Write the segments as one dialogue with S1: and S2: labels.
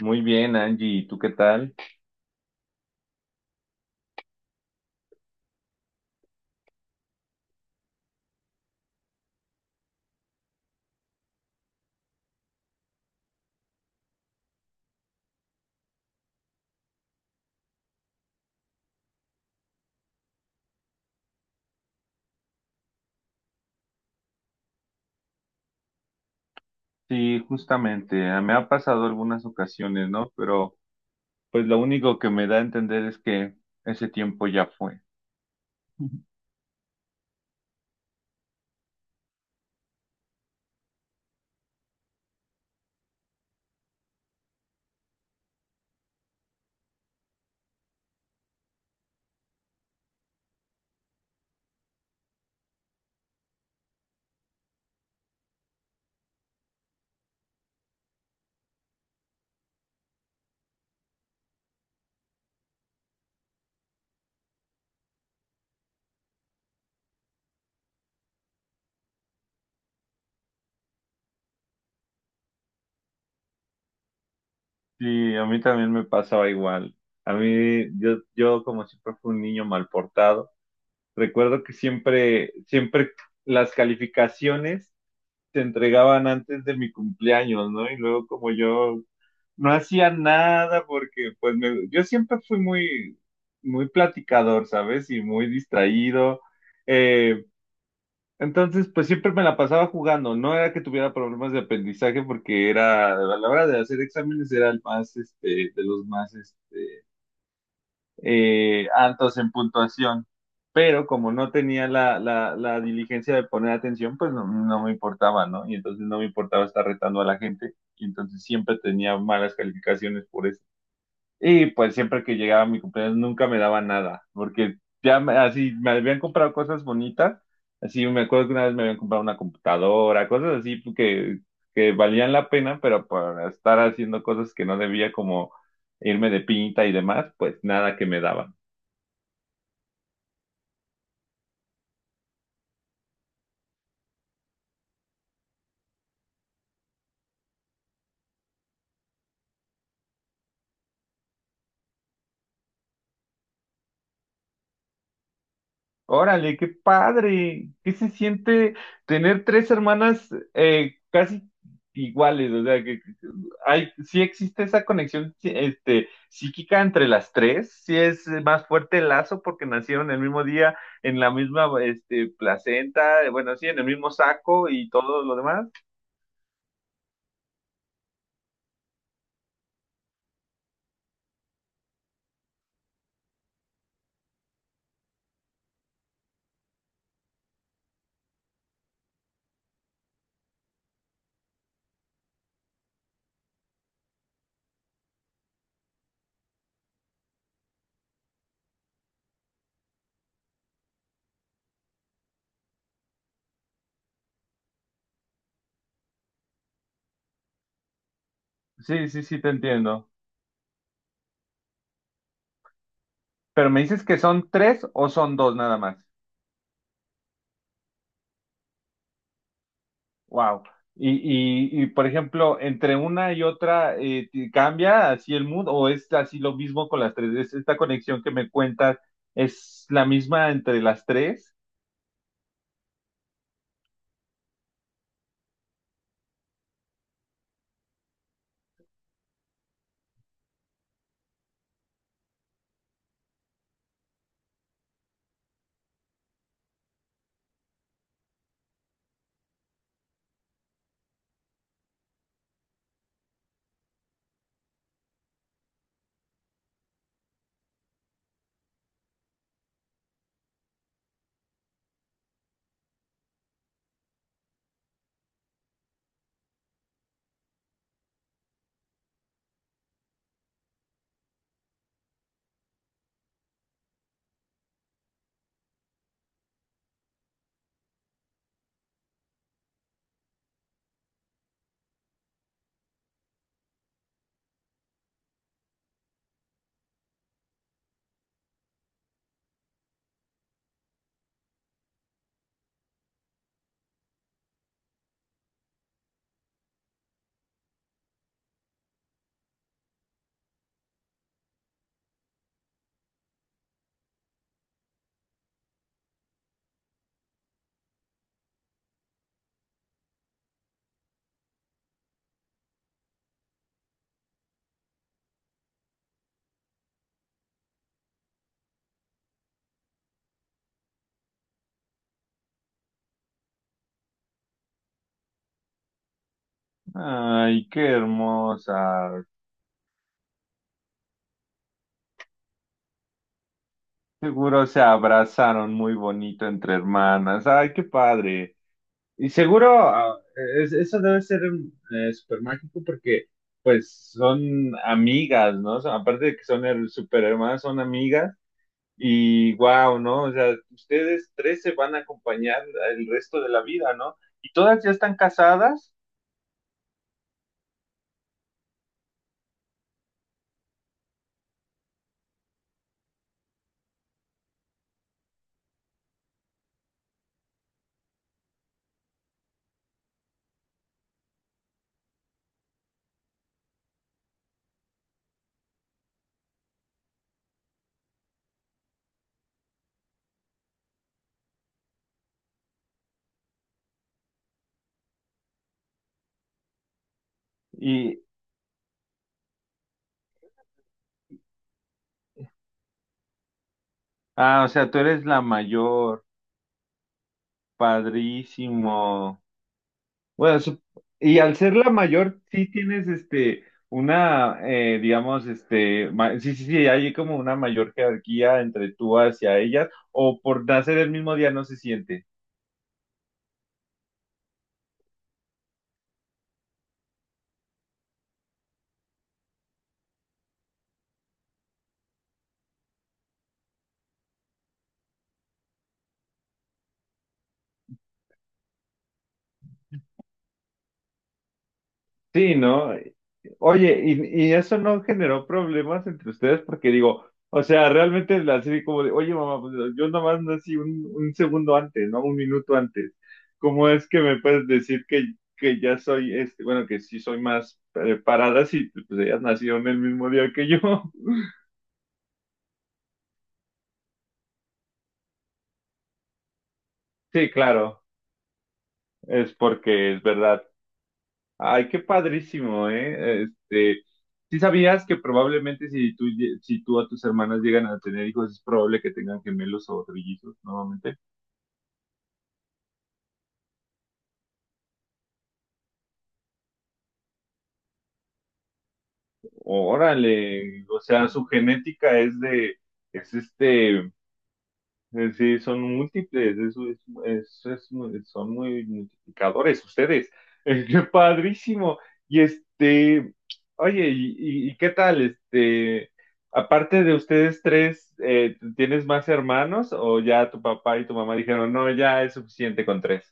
S1: Muy bien, Angie, ¿y tú qué tal? Sí, justamente, me ha pasado algunas ocasiones, ¿no? Pero pues lo único que me da a entender es que ese tiempo ya fue. Sí, a mí también me pasaba igual. A mí, yo como siempre fui un niño mal portado, recuerdo que siempre las calificaciones se entregaban antes de mi cumpleaños, ¿no? Y luego como yo no hacía nada porque yo siempre fui muy platicador, ¿sabes? Y muy distraído. Eh, entonces, pues siempre me la pasaba jugando. No era que tuviera problemas de aprendizaje porque era, a la hora de hacer exámenes era el más, este, de los más, este, altos en puntuación. Pero como no tenía la diligencia de poner atención, pues no, no me importaba, ¿no? Y entonces no me importaba estar retando a la gente. Y entonces siempre tenía malas calificaciones por eso. Y pues siempre que llegaba mi cumpleaños nunca me daba nada, porque así me habían comprado cosas bonitas, así me acuerdo que una vez me habían comprado una computadora, cosas así que valían la pena, pero por estar haciendo cosas que no debía como irme de pinta y demás, pues nada que me daba. Órale, qué padre. ¿Qué se siente tener tres hermanas casi iguales? O sea, que hay, sí existe esa conexión sí, este, psíquica entre las tres. Sí es más fuerte el lazo porque nacieron el mismo día en la misma este, placenta, bueno, sí, en el mismo saco y todo lo demás. Sí, sí, sí, te entiendo. Pero me dices que son tres o son dos nada más. Wow. Y por ejemplo, entre una y otra, ¿te ¿cambia así el mood o es así lo mismo con las tres? ¿Es esta conexión que me cuentas es la misma entre las tres? Ay, qué hermosa. Seguro se abrazaron muy bonito entre hermanas. Ay, qué padre. Y seguro, ah, eso debe ser súper mágico porque pues son amigas, ¿no? O sea, aparte de que súper hermanas, son amigas. Y wow, ¿no? O sea, ustedes tres se van a acompañar el resto de la vida, ¿no? Y todas ya están casadas y, ah, o sea, tú eres la mayor, padrísimo. Bueno, sup- y al ser la mayor, sí tienes este, una, digamos, este, sí, sí, sí, hay como una mayor jerarquía entre tú hacia ellas, o por nacer el mismo día no se siente. Sí, ¿no? Oye, y eso no generó problemas entre ustedes porque digo, o sea, realmente la serie como de, oye mamá, pues yo nomás nací un segundo antes, ¿no? Un minuto antes. ¿Cómo es que me puedes decir que ya soy este, bueno, que sí soy más preparada si pues ellas nacieron el mismo día que yo? Sí, claro, es porque es verdad. Ay, qué padrísimo, ¿eh? Este, ¿sí sabías que probablemente si si tú a tus hermanas llegan a tener hijos, es probable que tengan gemelos o trillizos nuevamente? Órale, o sea, su genética es de, es este, sí, son múltiples, eso es, son muy multiplicadores ustedes. Qué padrísimo. Y este, oye, ¿y qué tal? Este, aparte de ustedes tres, ¿tienes más hermanos o ya tu papá y tu mamá dijeron, no, ya es suficiente con tres?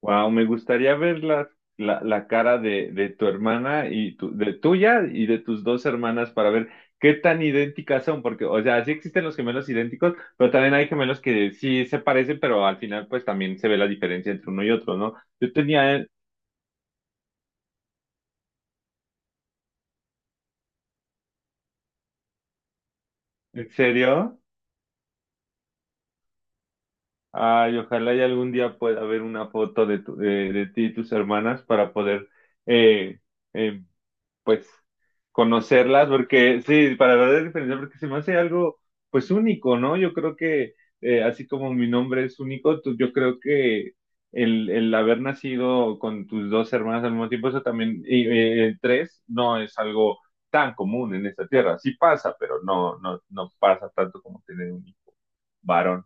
S1: Wow, me gustaría ver la cara de tu hermana y tu, de tuya y de tus dos hermanas para ver qué tan idénticas son, porque, o sea, sí existen los gemelos idénticos, pero también hay gemelos que sí se parecen, pero al final pues también se ve la diferencia entre uno y otro, ¿no? Yo tenía, ¿En serio? Ay, ojalá y algún día pueda ver una foto de, de ti y tus hermanas para poder eh, eh, pues, conocerlas, porque sí, para ver la diferencia, porque se me hace algo, pues, único, ¿no? Yo creo que, así como mi nombre es único, yo creo que el haber nacido con tus dos hermanas al mismo tiempo, eso también, y, tres, no es algo tan común en esta tierra. Sí pasa, pero no, no, no pasa tanto como tener un hijo varón.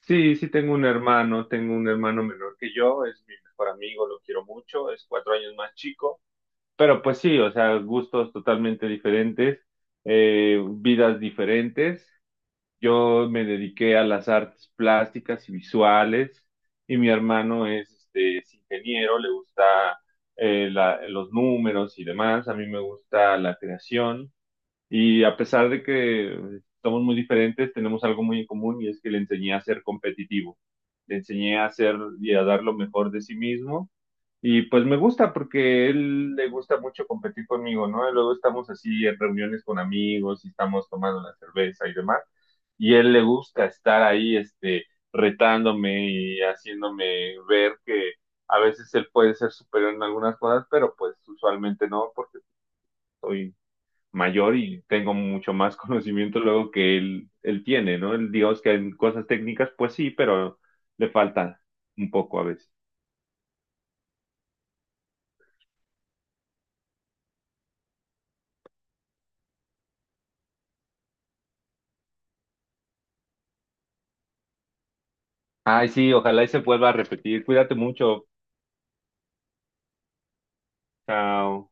S1: Sí, sí tengo un hermano menor que yo, es mi mejor amigo, lo quiero mucho, es cuatro años más chico. Pero pues sí, o sea, gustos totalmente diferentes, vidas diferentes. Yo me dediqué a las artes plásticas y visuales y mi hermano es, este, es ingeniero, le gusta los números y demás. A mí me gusta la creación y a pesar de que somos muy diferentes, tenemos algo muy en común y es que le enseñé a ser competitivo. Le enseñé a ser y a dar lo mejor de sí mismo y pues me gusta porque él le gusta mucho competir conmigo, ¿no? Y luego estamos así en reuniones con amigos y estamos tomando la cerveza y demás. Y él le gusta estar ahí, este, retándome y haciéndome ver que a veces él puede ser superior en algunas cosas, pero pues usualmente no, porque soy mayor y tengo mucho más conocimiento luego que él tiene, ¿no? Él, digamos que en cosas técnicas, pues sí, pero le falta un poco a veces. Ay, sí, ojalá y se vuelva a repetir. Cuídate mucho. Chao.